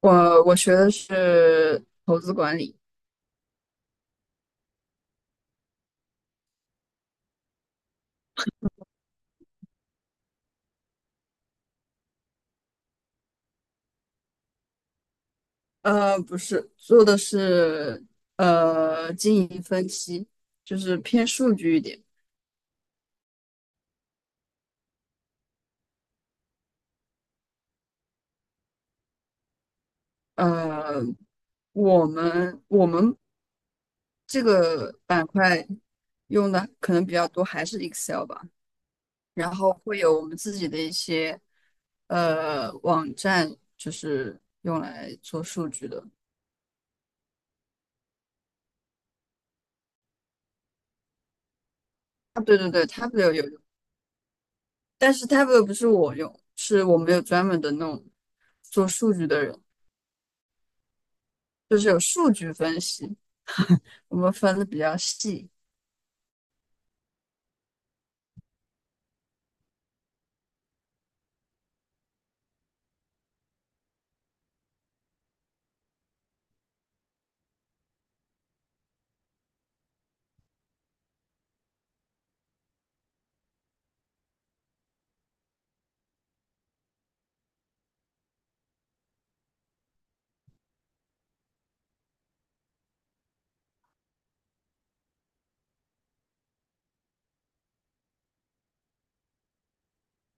我学的是投资管理。不是，做的是经营分析，就是偏数据一点。呃，我们这个板块用的可能比较多，还是 Excel 吧。然后会有我们自己的一些网站，就是用来做数据的。啊，对对对 t a b 有但是 t a b l e a 不是我用，是我们有专门的那种做数据的人，就是有数据分析，我们分的比较细。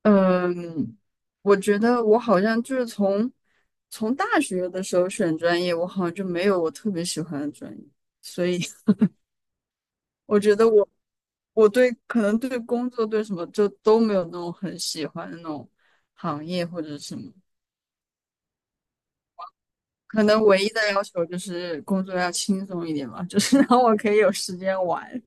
嗯，我觉得我好像就是从大学的时候选专业，我好像就没有我特别喜欢的专业，所以 我觉得我对可能对工作对什么就都没有那种很喜欢的那种行业或者什么。可能唯一的要求就是工作要轻松一点吧，就是 让我可以有时间玩。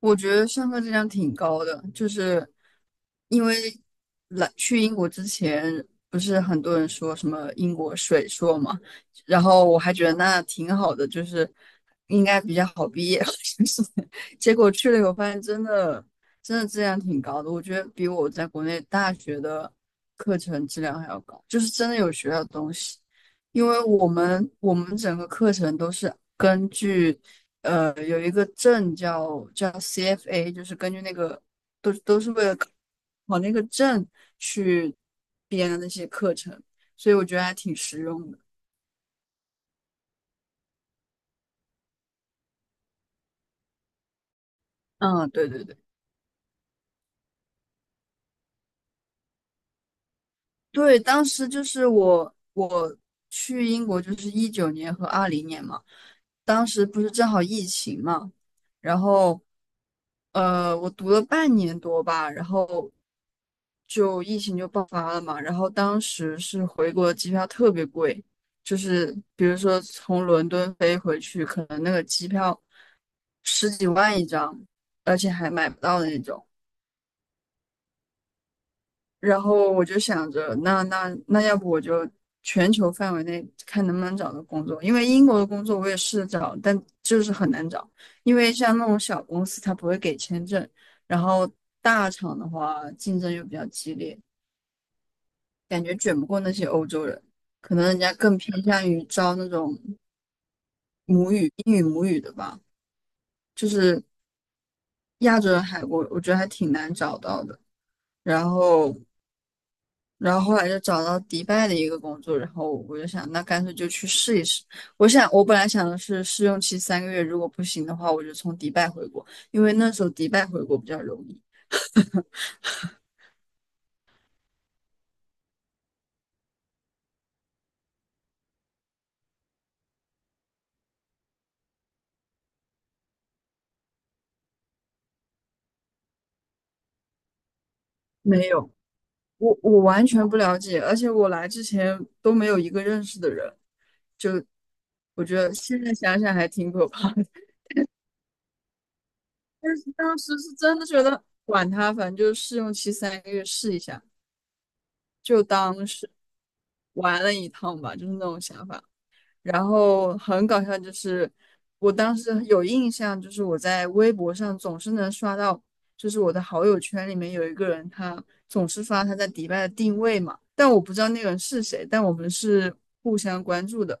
我觉得上课质量挺高的，就是因为来去英国之前，不是很多人说什么英国水硕嘛，然后我还觉得那挺好的，就是应该比较好毕业，就是结果去了以后发现真的质量挺高的，我觉得比我在国内大学的课程质量还要高，就是真的有学到东西。因为我们整个课程都是根据，有一个证叫 CFA，就是根据那个都是为了考那个证去编的那些课程，所以我觉得还挺实用的。嗯，对对对对，当时就是我去英国就是2019年和2020年嘛，当时不是正好疫情嘛，然后。我读了半年多吧，然后就疫情就爆发了嘛，然后当时是回国的机票特别贵，就是比如说从伦敦飞回去，可能那个机票十几万一张，而且还买不到的那种。然后我就想着，那要不我就全球范围内看能不能找到工作，因为英国的工作我也试着找，但就是很难找，因为像那种小公司它不会给签证，然后大厂的话竞争又比较激烈。感觉卷不过那些欧洲人，可能人家更偏向于招那种英语母语的吧。就是亚洲人还我觉得还挺难找到的。然后，然后后来就找到迪拜的一个工作，然后我就想，那干脆就去试一试。我想，我本来想的是试用期三个月，如果不行的话，我就从迪拜回国，因为那时候迪拜回国比较容易。没有，我完全不了解，而且我来之前都没有一个认识的人，就我觉得现在想想还挺可怕的。但是当时是真的觉得管他，反正就是试用期三个月试一下，就当是玩了一趟吧，就是那种想法。然后很搞笑，就是我当时有印象，就是我在微博上总是能刷到，就是我的好友圈里面有一个人，他总是发他在迪拜的定位嘛，但我不知道那个人是谁，但我们是互相关注的。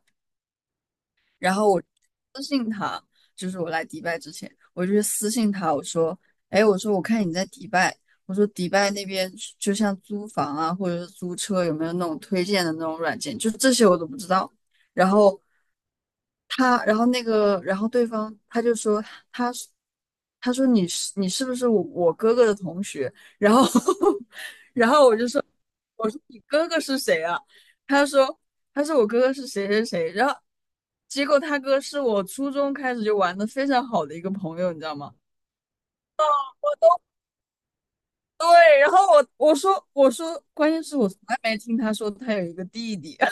然后我我来迪拜之前，我就去私信他，我说，哎，我说我看你在迪拜，我说迪拜那边就像租房啊，或者是租车，有没有那种推荐的那种软件？就是这些我都不知道。然后他，然后那个，然后对方他就说，他是他说你是不是我哥哥的同学？然后 然后我就说，我说你哥哥是谁啊？他说。他说我哥哥是谁谁谁，然后结果他哥是我初中开始就玩的非常好的一个朋友，你知道吗？对，然后我说，关键是我从来没听他说他有一个弟弟。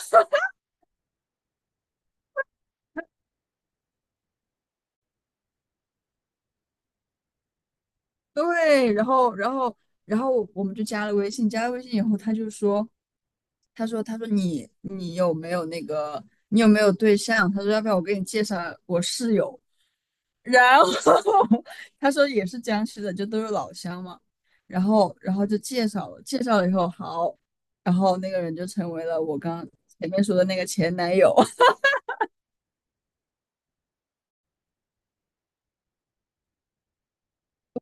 对，然后我们就加了微信，加了微信以后，他就说，他说你有没有那个你有没有对象？他说要不要我给你介绍我室友？然后 他说也是江西的，就都是老乡嘛。然后，然后就介绍了，介绍了以后好，然后那个人就成为了我刚前面说的那个前男友。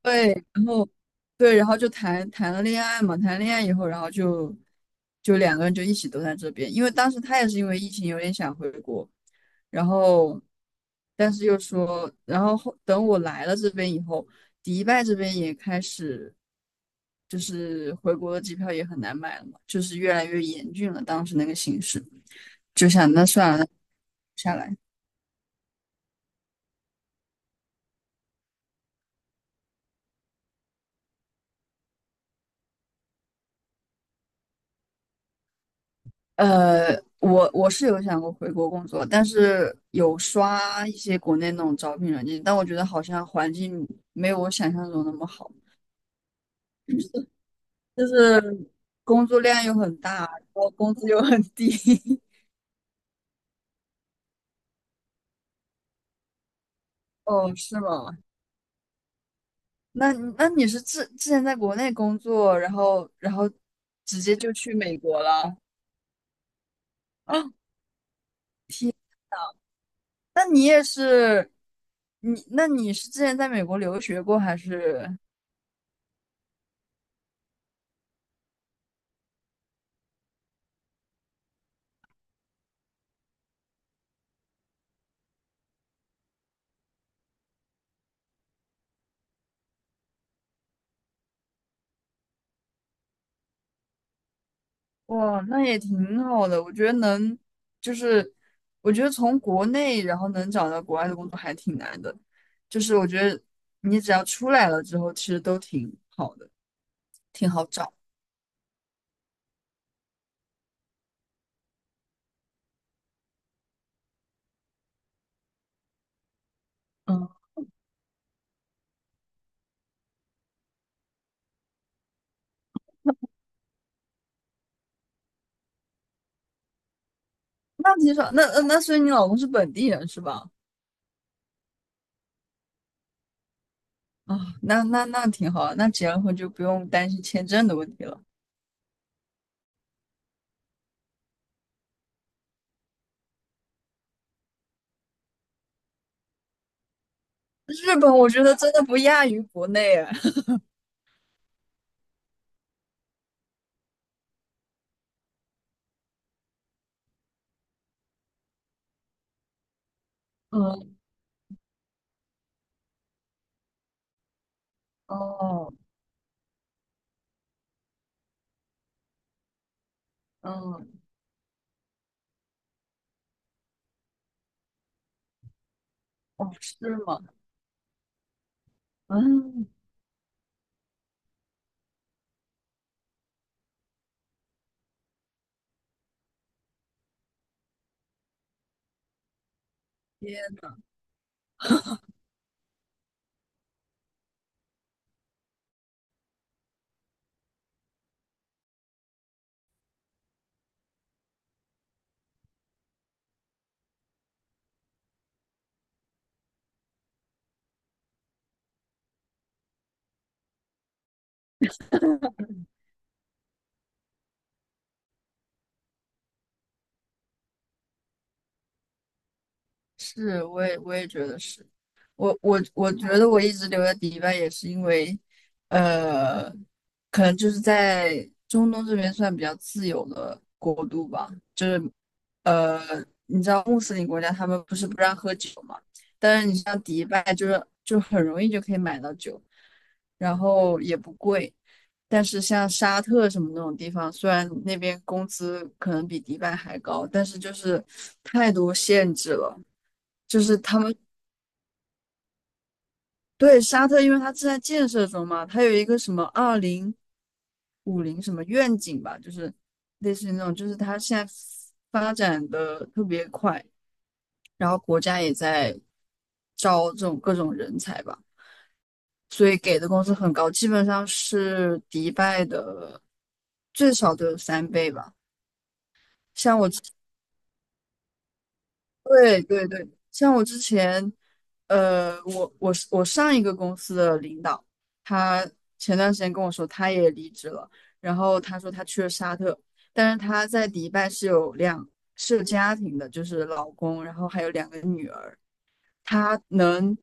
对，然后对，然后就谈了恋爱嘛，谈恋爱以后，然后就两个人就一起都在这边，因为当时他也是因为疫情有点想回国，然后，但是又说，然后等我来了这边以后，迪拜这边也开始，就是回国的机票也很难买了嘛，就是越来越严峻了。当时那个形势，就想那算了，那下来。我是有想过回国工作，但是有刷一些国内那种招聘软件，但我觉得好像环境没有我想象中那么好，就是工作量又很大，然后工资又很低。哦，是吗？那那你是之前在国内工作，然后然后直接就去美国了啊？那你也是，你是之前在美国留学过还是？哇，那也挺好的，我觉得能就是我觉得从国内然后能找到国外的工作还挺难的，就是我觉得你只要出来了之后，其实都挺好的。嗯，那挺少，那那所以你老公是本地人是吧？哦，那挺好，那结了婚就不用担心签证的问题了。日本我觉得真的不亚于国内啊 嗯，哦，嗯，哦，是吗？嗯，也是，我也觉得是。我觉得我一直留在迪拜也是因为，呃，可能就是在中东这边算比较自由的国度吧。呃，你知道穆斯林国家他们不是不让喝酒嘛？但是你像迪拜，就是就很容易就可以买到酒，然后也不贵。但是像沙特什么那种地方，虽然那边工资可能比迪拜还高，但是就是太多限制了。就是他们对沙特，因为它正在建设中嘛，它有一个什么2050什么愿景吧，就是类似于那种，就是它现在发展的特别快。然后国家也在招这种各种人才吧，所以给的工资很高，基本上是迪拜的最少都有三倍吧。像我之对对对，像我之前，我上一个公司的领导，他前段时间跟我说他也离职了，然后他说他去了沙特，但是他在迪拜是有两是有家庭的，就是老公，然后还有两个女儿。他能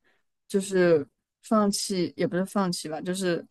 就是放弃，也不是放弃吧，就是